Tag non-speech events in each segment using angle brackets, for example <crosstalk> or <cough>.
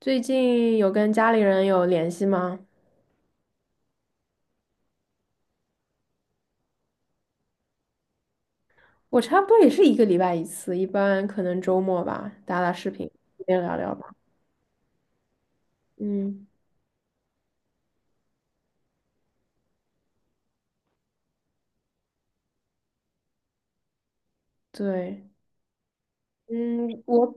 最近有跟家里人有联系吗？我差不多也是一个礼拜一次，一般可能周末吧，打打视频，边聊聊吧。嗯，对，嗯，我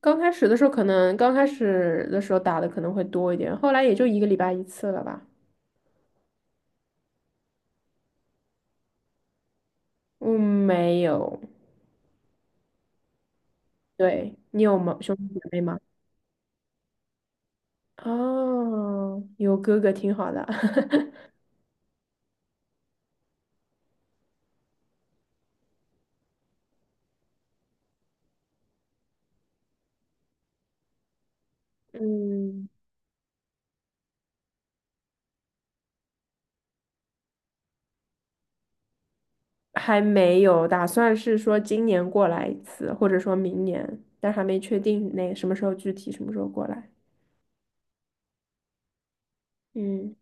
刚开始的时候打的可能会多一点，后来也就一个礼拜一次了吧。嗯，没有。对，你有吗？兄弟姐妹吗？哦，有哥哥挺好的。<laughs> 嗯。还没有，打算是说今年过来一次，或者说明年，但还没确定那什么时候具体什么时候过来。嗯，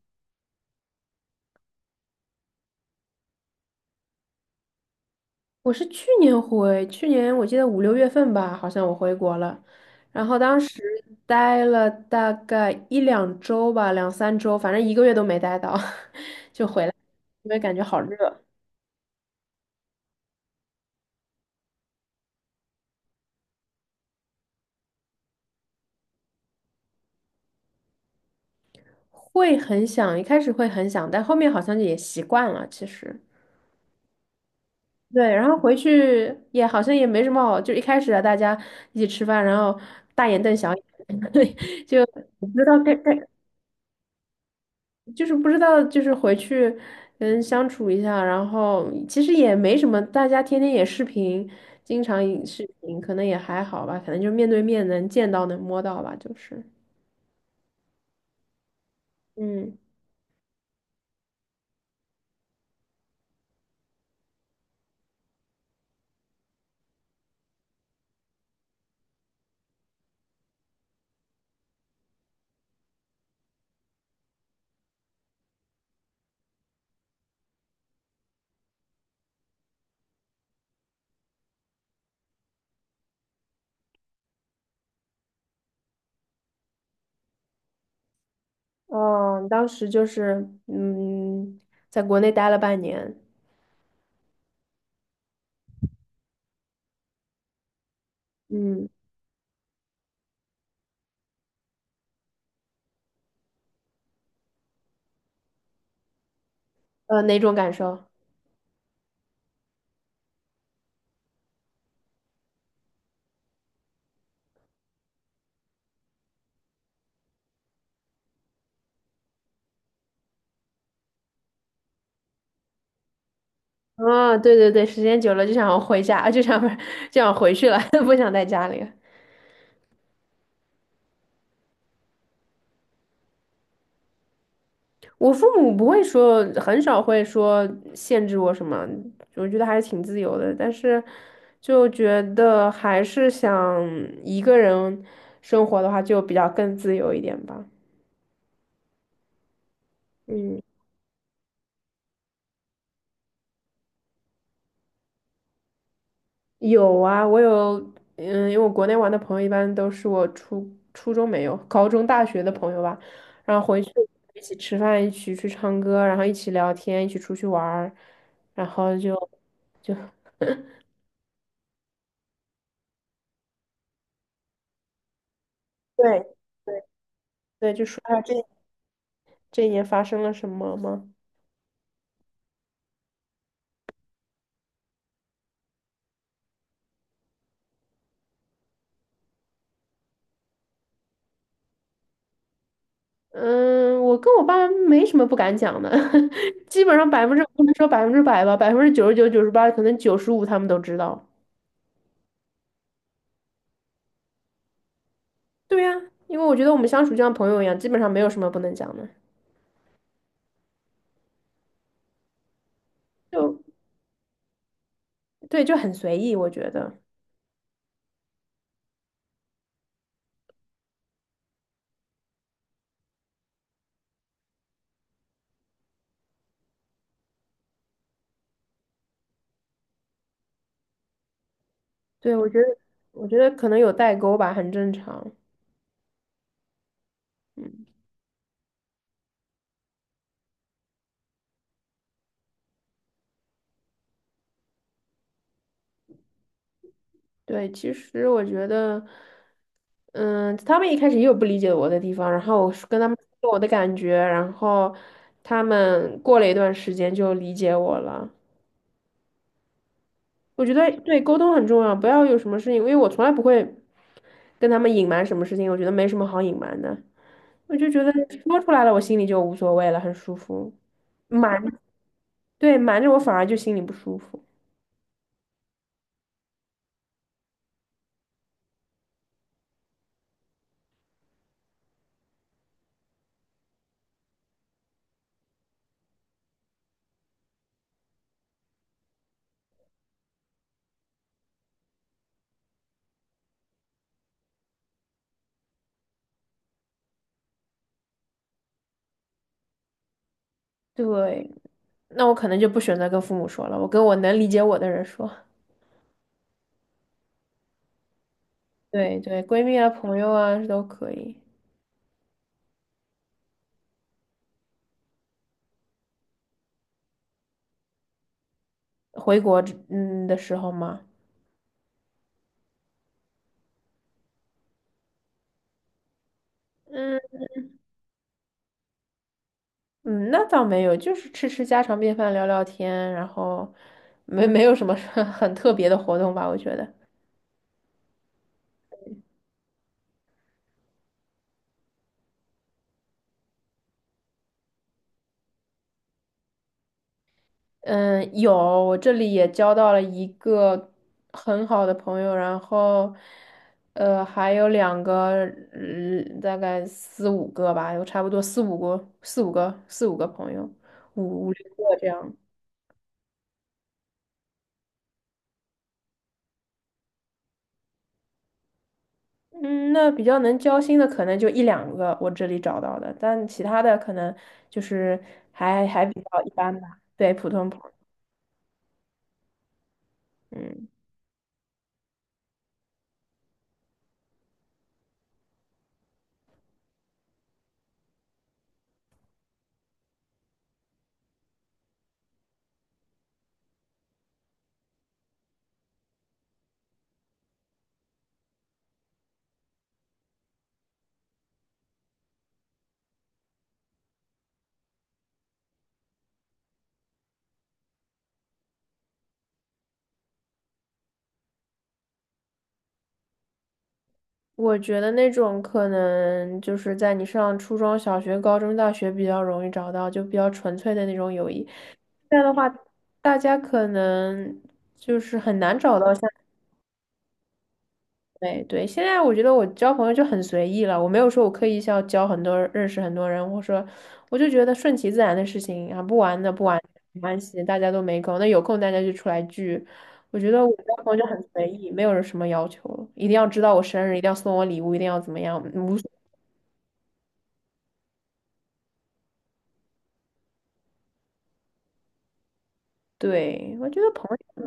我是去年我记得5、6月份吧，好像我回国了，然后当时待了大概1-2周吧，2-3周，反正一个月都没待到，<laughs> 就回来，因为感觉好热。会很想，一开始会很想，但后面好像也习惯了，其实。对，然后回去也好像也没什么好，就一开始啊，大家一起吃饭，然后大眼瞪小眼，<laughs> 对，就不知道该，就是不知道就是回去相处一下，然后其实也没什么，大家天天也视频，经常也视频，可能也还好吧，可能就面对面能见到能摸到吧，就是。嗯哦，你当时就是在国内待了半年，嗯。哪种感受？啊，对对对，时间久了就想回家，啊就想 <laughs> 不就想回去了，<laughs> 不想在家里了。我父母不会说，很少会说限制我什么，我觉得还是挺自由的。但是就觉得还是想一个人生活的话，就比较更自由一点吧。嗯。有啊，我有，嗯，因为我国内玩的朋友一般都是我初中没有，高中、大学的朋友吧，然后回去一起吃饭，一起去唱歌，然后一起聊天，一起出去玩儿，然后就。对对对，就说一下这一年发生了什么吗？嗯，我跟我爸没什么不敢讲的，<laughs> 基本上百分之不能说100%吧，99%、98，可能95他们都知道。对呀，因为我觉得我们相处就像朋友一样，基本上没有什么不能讲的。就对，就很随意，我觉得，对，我觉得，我觉得可能有代沟吧，很正常。嗯，对，其实我觉得，嗯，他们一开始也有不理解我的地方，然后我是跟他们说我的感觉，然后他们过了一段时间就理解我了。我觉得对沟通很重要，不要有什么事情，因为我从来不会跟他们隐瞒什么事情，我觉得没什么好隐瞒的，我就觉得说出来了，我心里就无所谓了，很舒服。瞒，对，瞒着我反而就心里不舒服。对。那我可能就不选择跟父母说了，我跟我能理解我的人说。对对，闺蜜啊、朋友啊都可以。回国之的时候嘛，嗯嗯，那倒没有，就是吃吃家常便饭，聊聊天，然后没有什么 <laughs> 很特别的活动吧，我觉得。嗯，有，我这里也交到了一个很好的朋友，然后，还有两个，大概四五个吧，有差不多四五个朋友，五六个这样。嗯，那比较能交心的可能就1-2个，我这里找到的，但其他的可能就是还比较一般吧，对，普通朋友。嗯。我觉得那种可能就是在你上初中小学、高中、大学比较容易找到，就比较纯粹的那种友谊。这样的话，大家可能就是很难找到像。对对。现在我觉得我交朋友就很随意了，我没有说我刻意要交很多人认识很多人，或者说我就觉得顺其自然的事情啊，不玩的不玩没关系，大家都没空，那有空大家就出来聚。我觉得我交朋友就很随意，没有什么要求一定要知道我生日，一定要送我礼物，一定要怎么样，无所。对，我觉得朋友，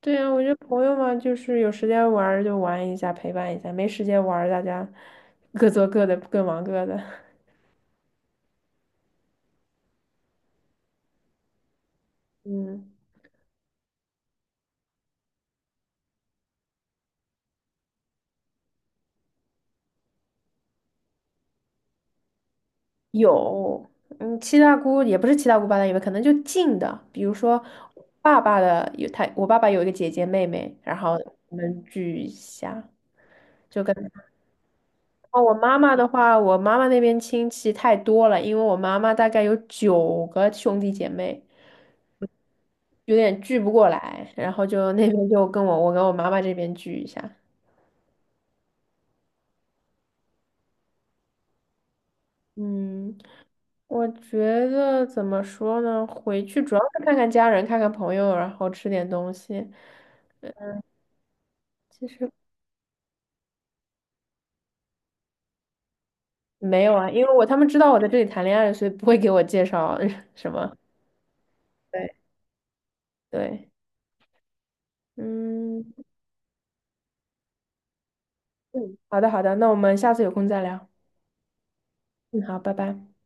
对啊，我觉得朋友嘛，就是有时间玩儿就玩一下，陪伴一下；没时间玩儿大家 <laughs> 各做各的，各忙各的。嗯，<laughs> 有，嗯，七大姑也不是七大姑八大姨吧，可能就近的，比如说我爸爸有一个姐姐妹妹，然后我们聚一下，就跟。哦，我妈妈的话，我妈妈那边亲戚太多了，因为我妈妈大概有9个兄弟姐妹。有点聚不过来，然后就那边就我跟我妈妈这边聚一下。嗯，我觉得怎么说呢？回去主要是看看家人，看看朋友，然后吃点东西。其实没有啊，因为他们知道我在这里谈恋爱，所以不会给我介绍 <laughs> 什么。对对，嗯嗯，好的好的，那我们下次有空再聊。嗯，好，拜拜。